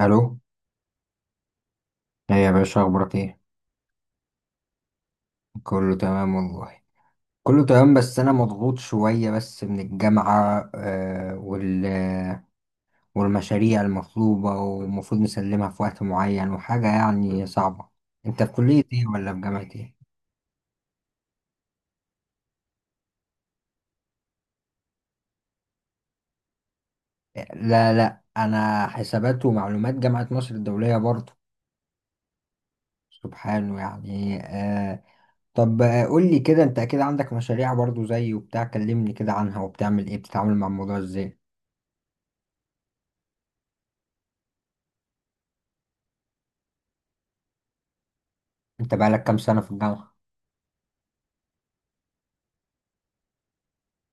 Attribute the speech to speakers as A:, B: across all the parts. A: الو. ايه يا باشا اخبارك ايه؟ كله تمام والله. كله تمام بس انا مضغوط شويه بس من الجامعه، والمشاريع المطلوبه ومفروض نسلمها في وقت معين وحاجه يعني صعبه. انت في كليه ايه ولا في جامعه ايه؟ لا انا حسابات ومعلومات جامعه مصر الدوليه برضو. سبحانه يعني آه. طب قول لي كده، انت اكيد عندك مشاريع برضو زي وبتاع، كلمني كده عنها وبتعمل ايه، بتتعامل مع الموضوع ازاي؟ انت بقالك كام سنه في الجامعه؟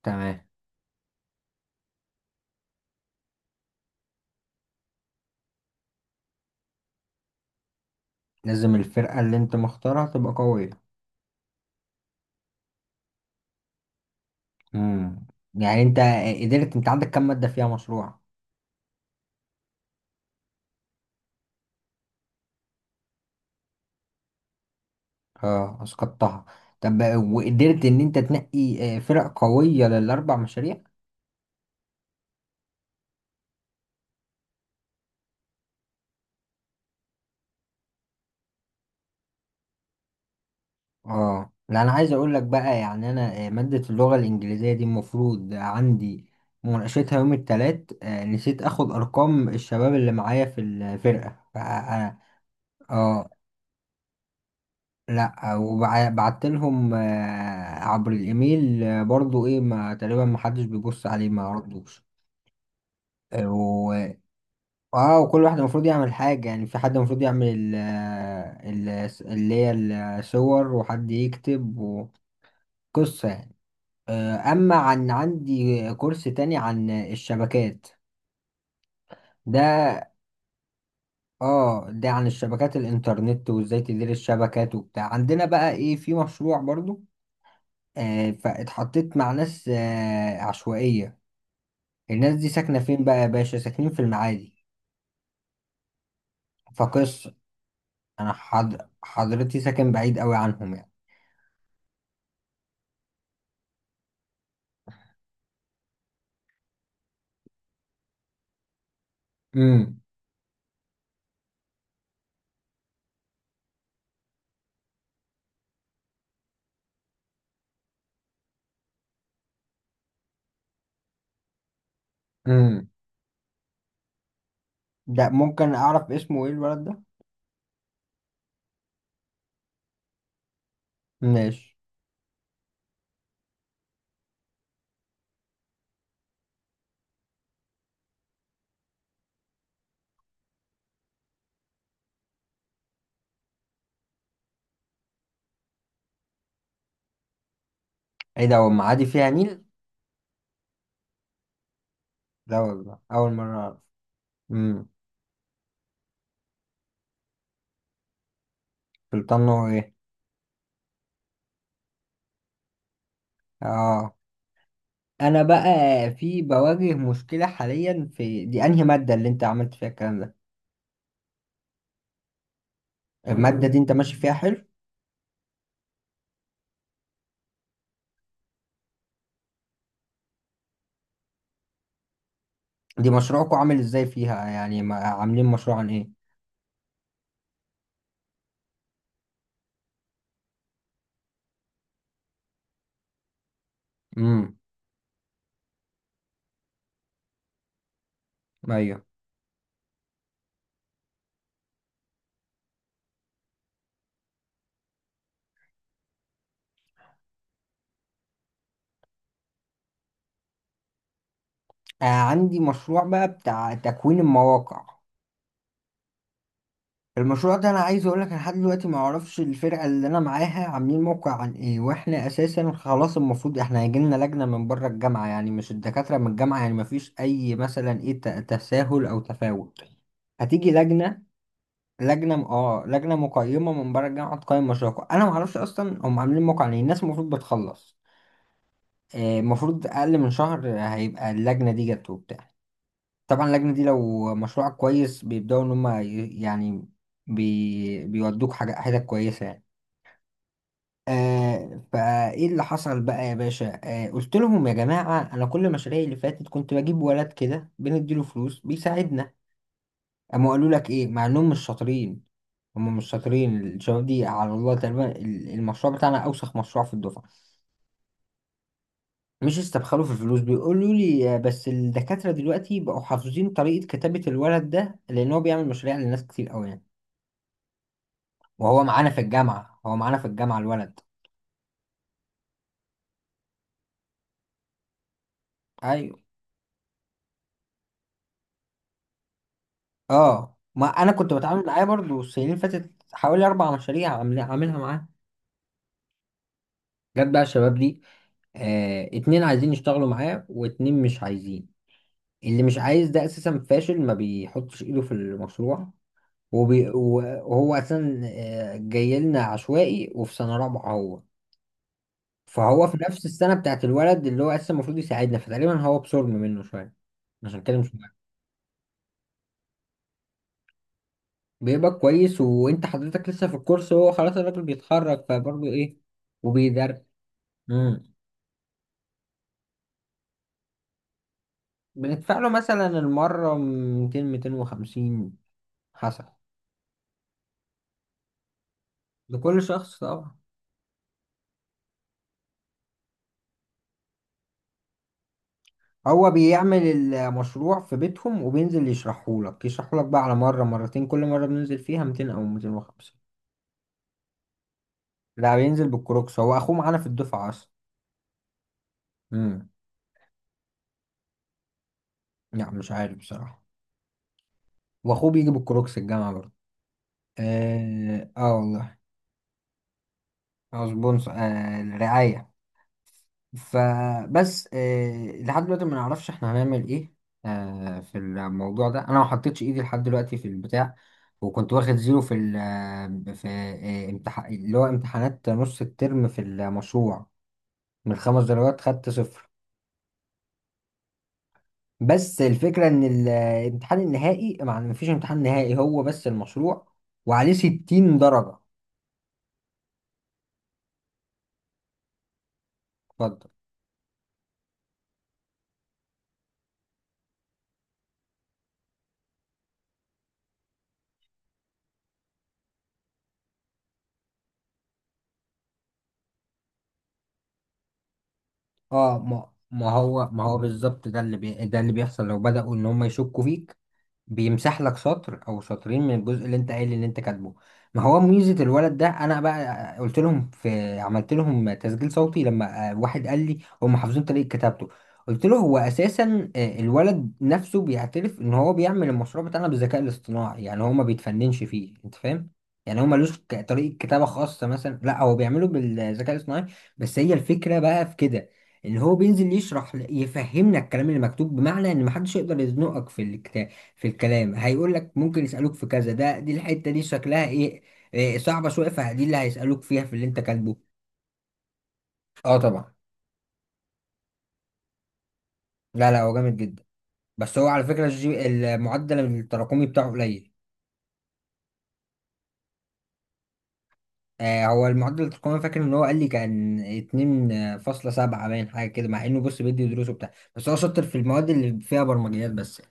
A: تمام. لازم الفرقة اللي انت مختارها تبقى قوية. امم يعني انت قدرت، انت عندك كام مادة فيها مشروع؟ اه اسقطتها. طب وقدرت ان انت تنقي فرق قوية للاربع مشاريع؟ اه لا، انا عايز اقول لك بقى، يعني انا مادة اللغة الانجليزية دي المفروض عندي مناقشتها يوم التلات، نسيت اخد ارقام الشباب اللي معايا في الفرقة آه، لا، وبعت لهم عبر الايميل، برضو ايه، ما تقريبا ما حدش بيبص عليه، ما ردوش. آه، و... اه، وكل واحد المفروض يعمل حاجة، يعني في حد المفروض يعمل ال... اللي هي الصور، وحد يكتب وقصة يعني. اما عن عندي كورس تاني عن الشبكات. ده اه ده عن الشبكات الانترنت، وازاي تدير الشبكات وبتاع، عندنا بقى ايه في مشروع برضو، فاتحطيت مع ناس عشوائية. الناس دي ساكنة فين بقى يا باشا؟ ساكنين في المعادي. فقصة أنا حضرتي ساكن بعيد قوي عنهم يعني. امم. امم. ده ممكن أعرف اسمه إيه الولد ده؟ ماشي. إيه ده، هو المعادي فيها نيل؟ لا والله، أول مرة أعرف. امم. سلطان هو إيه؟ آه. أنا بقى في، بواجه مشكلة حاليا في دي. أنهي مادة اللي أنت عملت فيها الكلام ده؟ المادة دي أنت ماشي فيها حلو؟ دي مشروعكم عامل إزاي فيها يعني، عاملين مشروع عن إيه؟ امم. ايوه. آه عندي مشروع بقى بتاع تكوين المواقع. المشروع ده انا عايز اقول لك، انا لحد دلوقتي ما اعرفش الفرقه اللي انا معاها عاملين موقع عن ايه، واحنا اساسا خلاص المفروض، احنا هيجي لنا لجنه من بره الجامعه يعني، مش الدكاتره من الجامعه، يعني ما فيش اي مثلا ايه تساهل او تفاوت. هتيجي لجنه، لجنه لجنه مقيمه من بره الجامعه تقيم مشروعكم. انا ما اعرفش اصلا هم عاملين موقع عن ايه. الناس المفروض بتخلص، المفروض اقل من شهر هيبقى اللجنه دي جت وبتاع. طبعا اللجنة دي لو مشروعك كويس بيبدأوا إن هما يعني بيودوك حاجة حتت كويسة يعني. آه، فإيه اللي حصل بقى يا باشا؟ آه، قلت لهم يا جماعة، أنا كل مشاريعي اللي فاتت كنت بجيب ولد كده بنديله فلوس بيساعدنا. أما قالوا لك إيه مع إنهم مش شاطرين؟ هما مش شاطرين الشباب دي، على الله تقريبا المشروع بتاعنا أوسخ مشروع في الدفعة. مش استبخلوا في الفلوس، بيقولوا لي بس الدكاترة دلوقتي بقوا حافظين طريقة كتابة الولد ده، لأن هو بيعمل مشاريع لناس كتير أوي يعني. وهو معانا في الجامعة هو معانا في الجامعة الولد. أيوة. أه، ما أنا كنت بتعامل معاه برضو السنين اللي فاتت حوالي أربع مشاريع عاملها معاه. جت بقى الشباب دي، آه اتنين عايزين يشتغلوا معاه واتنين مش عايزين. اللي مش عايز ده أساسا فاشل، ما بيحطش إيده في المشروع. وهو أساسا جاي لنا عشوائي وفي سنة رابعة هو، فهو في نفس السنة بتاعت الولد اللي هو أساسا المفروض يساعدنا، فتقريبا هو بصرم منه شوية. عشان كده مش بيبقى كويس، وانت حضرتك لسه في الكورس، هو خلاص الراجل بيتخرج فبرضه ايه وبيدرس. امم. بندفع له مثلا المرة 200 250 حسب. لكل شخص طبعا. هو بيعمل المشروع في بيتهم وبينزل يشرحه لك، يشرحه لك بقى على مرة مرتين، كل مرة بننزل فيها 200 أو 250. لا، بينزل بالكروكس، هو أخوه معانا في الدفعة أصلا. امم. لا مش عارف بصراحة. وأخوه بيجي بالكروكس الجامعة برضه. آه، آه والله. أو سبونسر آه الرعاية. فبس لحد دلوقتي ما نعرفش احنا هنعمل ايه في الموضوع ده. انا ما حطيتش ايدي لحد دلوقتي في البتاع. وكنت واخد زيرو في ال آه، في آه، امتح... اللي هو امتحانات نص الترم في المشروع، من خمس درجات خدت صفر. بس الفكرة ان الامتحان النهائي، ما مفيش امتحان نهائي، هو بس المشروع وعليه 60 درجة. اتفضل. اه ما هو بالظبط ده اللي ده اللي بيحصل، لو بدأوا ان هم يشكوا فيك بيمسح لك سطر او سطرين من الجزء اللي انت قايل ان انت كاتبه. ما هو ميزه الولد ده، انا بقى قلت لهم، في عملت لهم تسجيل صوتي، لما واحد قال لي هم حافظين طريقه كتابته، قلت له هو اساسا الولد نفسه بيعترف ان هو بيعمل المشروع بتاعنا بالذكاء الاصطناعي، يعني هو ما بيتفننش فيه، انت فاهم؟ يعني هو ملوش طريقه كتابه خاصه مثلا، لا هو بيعمله بالذكاء الاصطناعي. بس هي الفكره بقى في كده، ان هو بينزل يشرح، يفهمنا الكلام اللي مكتوب، بمعنى ان محدش يقدر يزنقك في الكتاب في الكلام. هيقول لك ممكن يسألوك في كذا، ده دي الحتة دي شكلها ايه؟ إيه صعبة شوية، فدي اللي هيسألوك فيها في اللي انت كاتبه. اه طبعا. لا هو جامد جدا. بس هو على فكرة الجي المعدل التراكمي بتاعه قليل. آه، هو المعدل التراكمي فاكر ان هو قال لي كان 2.7 باين حاجة كده، مع انه بص بيدي دروسه بتاع بس هو شاطر في المواد اللي فيها برمجيات بس.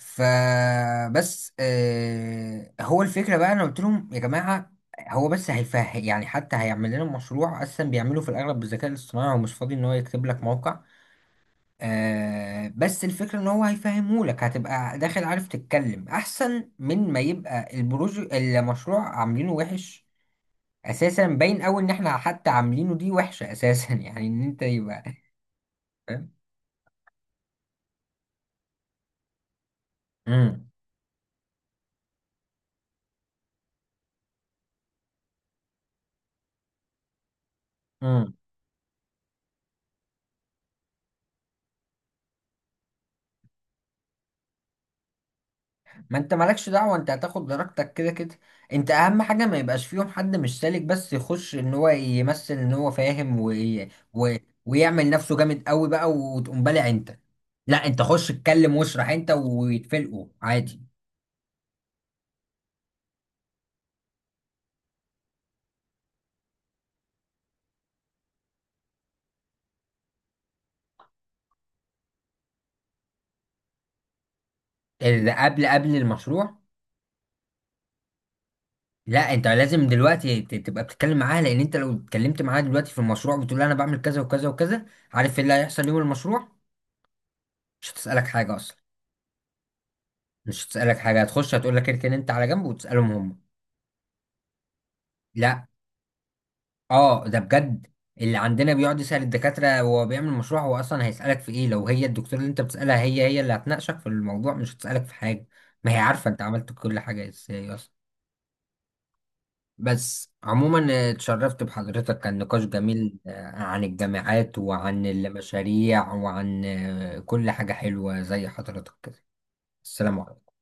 A: فبس آه، هو الفكرة بقى، أنا قلت لهم يا جماعة، هو بس هيفهم يعني، حتى هيعمل لنا مشروع أصلا بيعمله في الأغلب بالذكاء الاصطناعي، ومش فاضي إن هو يكتب لك موقع، آه بس الفكرة إن هو هيفهمه لك، هتبقى داخل عارف تتكلم أحسن من ما يبقى البروج المشروع عاملينه وحش أساسا. باين أوي إن إحنا حتى عاملينه دي وحشة أساسا يعني إن أنت يبقى فاهم؟ مم. ما انت مالكش دعوة، انت هتاخد درجتك كده كده. انت اهم حاجة ما يبقاش فيهم حد مش سالك، بس يخش ان هو يمثل ان هو فاهم و... ويعمل نفسه جامد قوي بقى، وتقوم بالع انت. لا، انت خش اتكلم واشرح انت ويتفلقوا عادي. اذا قبل المشروع. لا انت لازم دلوقتي تبقى بتتكلم معاها، لان انت لو اتكلمت معاها دلوقتي في المشروع، بتقول لها انا بعمل كذا وكذا وكذا، عارف ايه اللي هيحصل يوم المشروع؟ مش هتسألك حاجة اصلا. مش هتسألك حاجة، هتخش هتقول لك اركن انت على جنب، وتسألهم هم. لا. اه ده بجد، اللي عندنا بيقعد يسأل الدكاترة وهو بيعمل مشروع، هو أصلا هيسألك في إيه، لو هي الدكتور اللي أنت بتسألها هي هي اللي هتناقشك في الموضوع؟ مش هتسألك في حاجة، ما هي عارفة أنت عملت كل حاجة إزاي أصلا. بس عموما اتشرفت بحضرتك، كان نقاش جميل عن الجامعات وعن المشاريع وعن كل حاجة حلوة زي حضرتك كده. السلام عليكم.